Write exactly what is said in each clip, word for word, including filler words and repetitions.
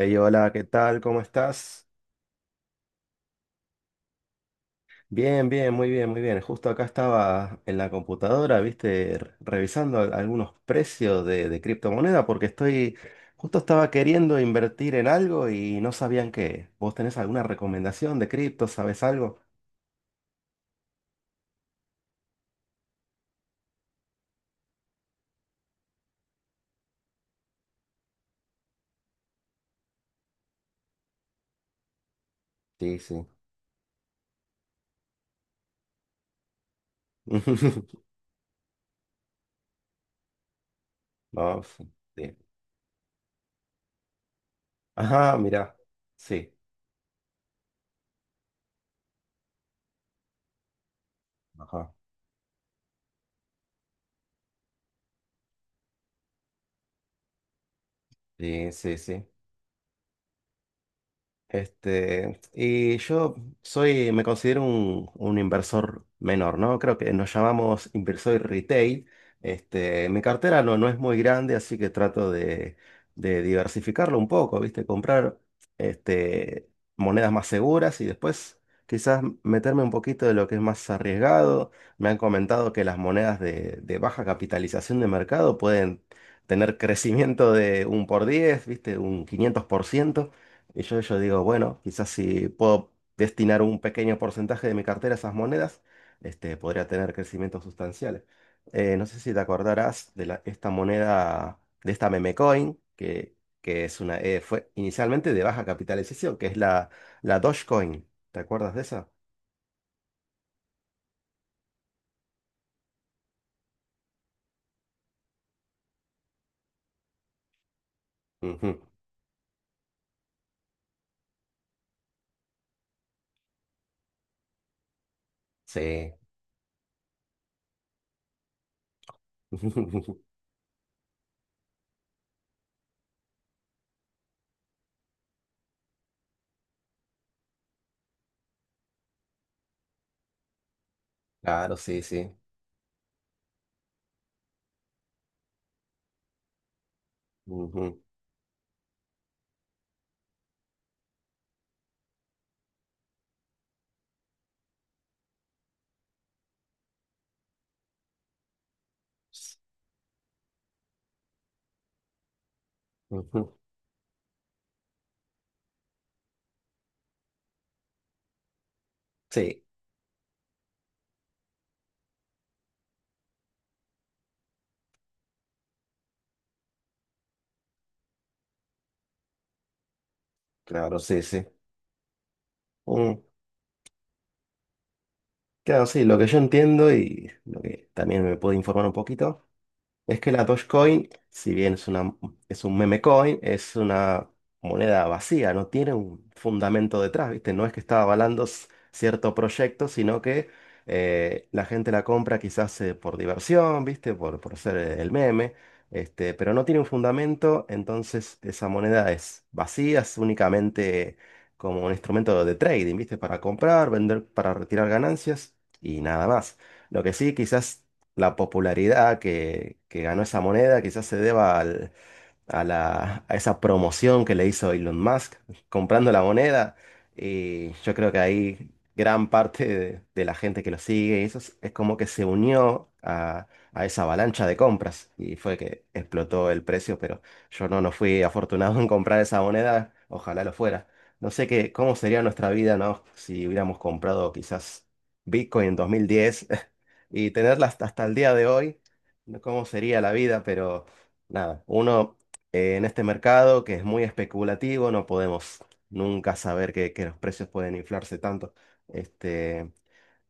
Ey, hola, ¿qué tal? ¿Cómo estás? Bien, bien, muy bien, muy bien. Justo acá estaba en la computadora, viste, R- revisando al- algunos precios de, de criptomoneda porque estoy, justo estaba queriendo invertir en algo y no sabían qué. ¿Vos tenés alguna recomendación de cripto? ¿Sabes algo? Sí, sí. No, sí, sí. Ajá, mira. Sí. Ajá. Sí, sí, sí. Este, y yo soy, me considero un, un inversor menor, ¿no? Creo que nos llamamos inversor retail. Este, mi cartera no, no es muy grande, así que trato de, de diversificarlo un poco, ¿viste? Comprar este, monedas más seguras y después quizás meterme un poquito de lo que es más arriesgado. Me han comentado que las monedas de, de baja capitalización de mercado pueden tener crecimiento de un por diez, ¿viste? Un quinientos por ciento. Y yo, yo digo, bueno, quizás si puedo destinar un pequeño porcentaje de mi cartera a esas monedas, este, podría tener crecimientos sustanciales. Eh, no sé si te acordarás de la- esta moneda, de esta meme coin, que, que es una, eh, fue inicialmente de baja capitalización, que es la, la Dogecoin. ¿Te acuerdas de esa? Ujú. Sí. Claro, sí, sí. Ujú, ujú. Sí, claro, sí, sí. Mm. Claro, sí, lo que yo entiendo y lo que también me puedo informar un poquito. Es que la Dogecoin, si bien es una, es un meme coin, es una moneda vacía, no tiene un fundamento detrás, ¿viste? No es que está avalando s- cierto proyecto, sino que eh, la gente la compra quizás eh, por diversión, ¿viste? Por, por ser el meme, este, pero no tiene un fundamento, entonces esa moneda es vacía, es únicamente como un instrumento de trading, ¿viste? Para comprar, vender, para retirar ganancias y nada más. Lo que sí, quizás la popularidad que, que ganó esa moneda quizás se deba al, a la, a esa promoción que le hizo Elon Musk comprando la moneda. Y yo creo que ahí gran parte de, de la gente que lo sigue, y eso es, es como que se unió a, a esa avalancha de compras y fue que explotó el precio, pero yo no, no fui afortunado en comprar esa moneda, ojalá lo fuera. No sé qué, cómo sería nuestra vida, ¿no? Si hubiéramos comprado quizás Bitcoin en dos mil diez y tenerla hasta, hasta el día de hoy, ¿no? ¿Cómo sería la vida? Pero nada, uno eh, en este mercado que es muy especulativo, no podemos nunca saber que, que los precios pueden inflarse tanto. Este,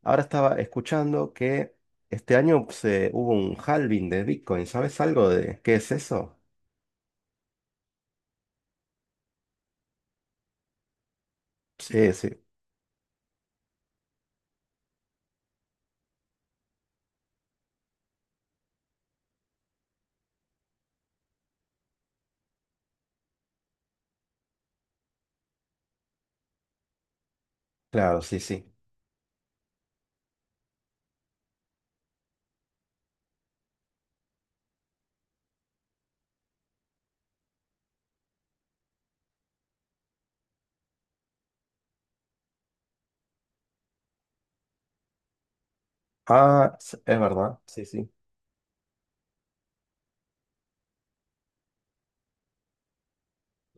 ahora estaba escuchando que este año se, hubo un halving de Bitcoin. ¿Sabes algo de qué es eso? Sí, sí, claro, sí, sí. Ah, s- es verdad, sí, sí.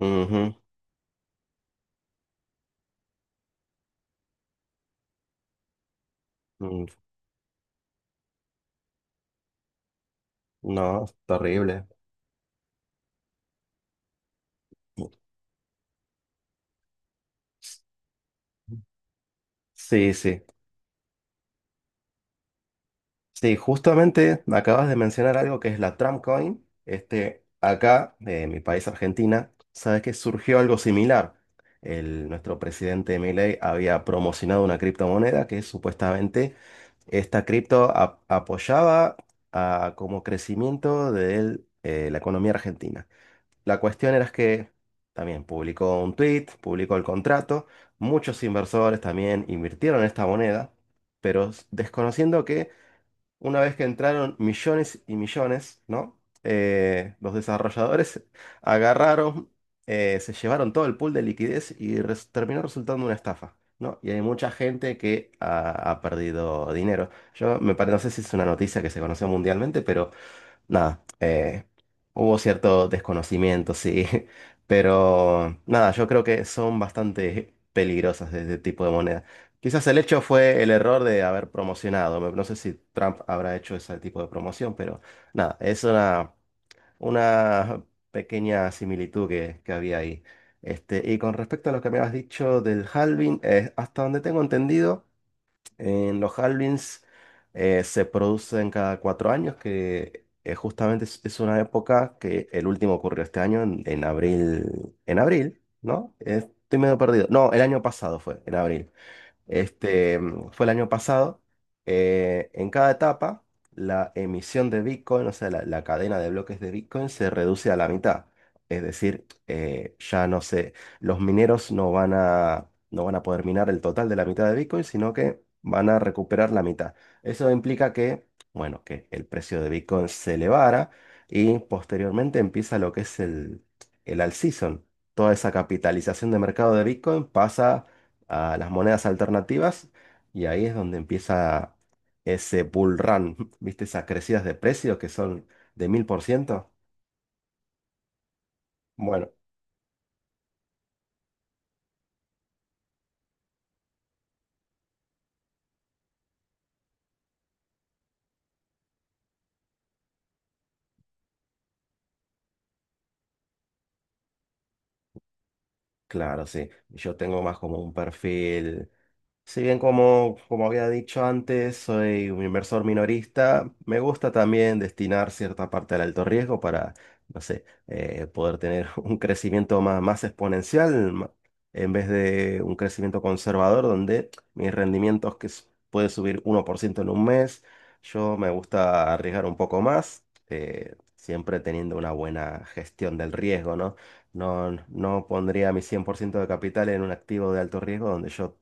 Ujú. Mm. No, es terrible. Sí, sí. Sí, justamente acabas de mencionar algo que es la Tramcoin. Este, acá, de mi país, Argentina, sabes que surgió algo similar. El, nuestro presidente Milei había promocionado una criptomoneda que supuestamente esta cripto ap- apoyaba a- como crecimiento de eh, la economía argentina. La cuestión era que también publicó un tweet, publicó el contrato. Muchos inversores también invirtieron en esta moneda, pero desconociendo que una vez que entraron millones y millones, ¿no? Eh, los desarrolladores agarraron, eh, se llevaron todo el pool de liquidez y res- terminó resultando una estafa, ¿no? Y hay mucha gente que ha, ha perdido dinero. Yo me parece, no sé si es una noticia que se conoció mundialmente, pero nada, eh, hubo cierto desconocimiento, sí, pero nada, yo creo que son bastante peligrosas de este tipo de moneda. Quizás el hecho fue el error de haber promocionado. No, no sé si Trump habrá hecho ese tipo de promoción, pero nada, es una, una pequeña similitud que, que había ahí. Este, y con respecto a lo que me has dicho del halving, eh, hasta donde tengo entendido. En los halvings eh, se producen cada cuatro años, que eh, justamente es, es una época que el último ocurrió este año, en, en abril, en abril, ¿no? Eh, Estoy medio perdido. No, el año pasado fue en abril. Este, mm, fue el año pasado. Eh, en cada etapa, la emisión de Bitcoin, o sea, la, la cadena de bloques de Bitcoin se reduce a la mitad. Es decir, eh, ya no sé, los mineros no van a, no van a poder minar el total de la mitad de Bitcoin, sino que van a recuperar la mitad. Eso implica que, bueno, que el precio de Bitcoin se elevara y posteriormente empieza lo que es el, el alt season. Toda esa capitalización de mercado de Bitcoin pasa a las monedas alternativas y ahí es donde empieza ese bull run, ¿viste? Esas crecidas de precios que son de mil por ciento. Bueno, claro, sí. Yo tengo más como un perfil. Si bien como, como había dicho antes, soy un inversor minorista, me gusta también destinar cierta parte al alto riesgo para, no sé, eh, poder tener un crecimiento más, más exponencial ma- en vez de un crecimiento conservador donde mis rendimientos que s- puede subir uno por ciento en un mes, yo me gusta arriesgar un poco más, eh, siempre teniendo una buena gestión del riesgo, ¿no? No, no pondría mi cien por ciento de capital en un activo de alto riesgo donde yo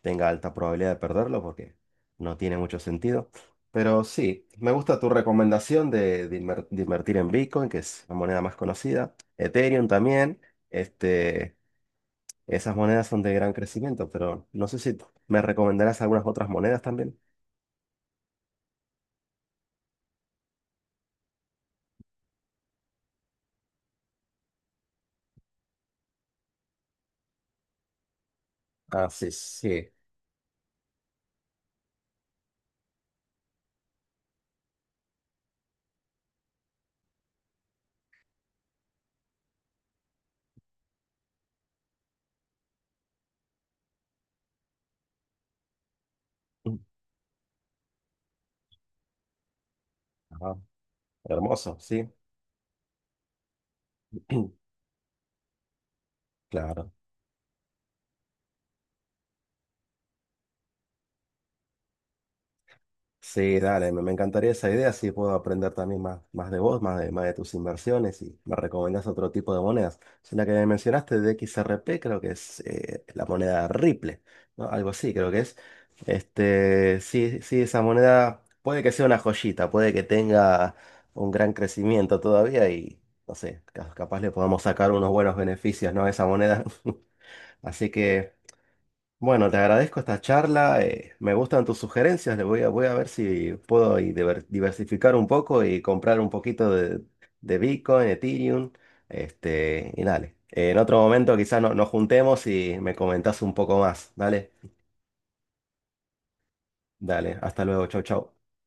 tenga alta probabilidad de perderlo porque no tiene mucho sentido. Pero sí, me gusta tu recomendación de, de inver- de invertir en Bitcoin, que es la moneda más conocida. Ethereum también. Este, esas monedas son de gran crecimiento, pero no sé si me recomendarás algunas otras monedas también. Ah, sí, sí. Ajá, hermoso, sí. Claro. Sí, dale, me, me encantaría esa idea, así puedo aprender también más, más de vos, más de, más de tus inversiones y me recomendás otro tipo de monedas. Es la que me mencionaste de X R P, creo que es eh, la moneda Ripple, ¿no? Algo así, creo que es. Este, sí, sí, esa moneda puede que sea una joyita, puede que tenga un gran crecimiento todavía y, no sé, ca- capaz le podamos sacar unos buenos beneficios, ¿no? A esa moneda. Así que... Bueno, te agradezco esta charla. Eh, me gustan tus sugerencias. Le voy a, voy a ver si puedo ahí diver- diversificar un poco y comprar un poquito de, de Bitcoin, Ethereum. Este, y dale. Eh, en otro momento quizás no- nos juntemos y me comentás un poco más. Dale, dale. Hasta luego. Chau, chau.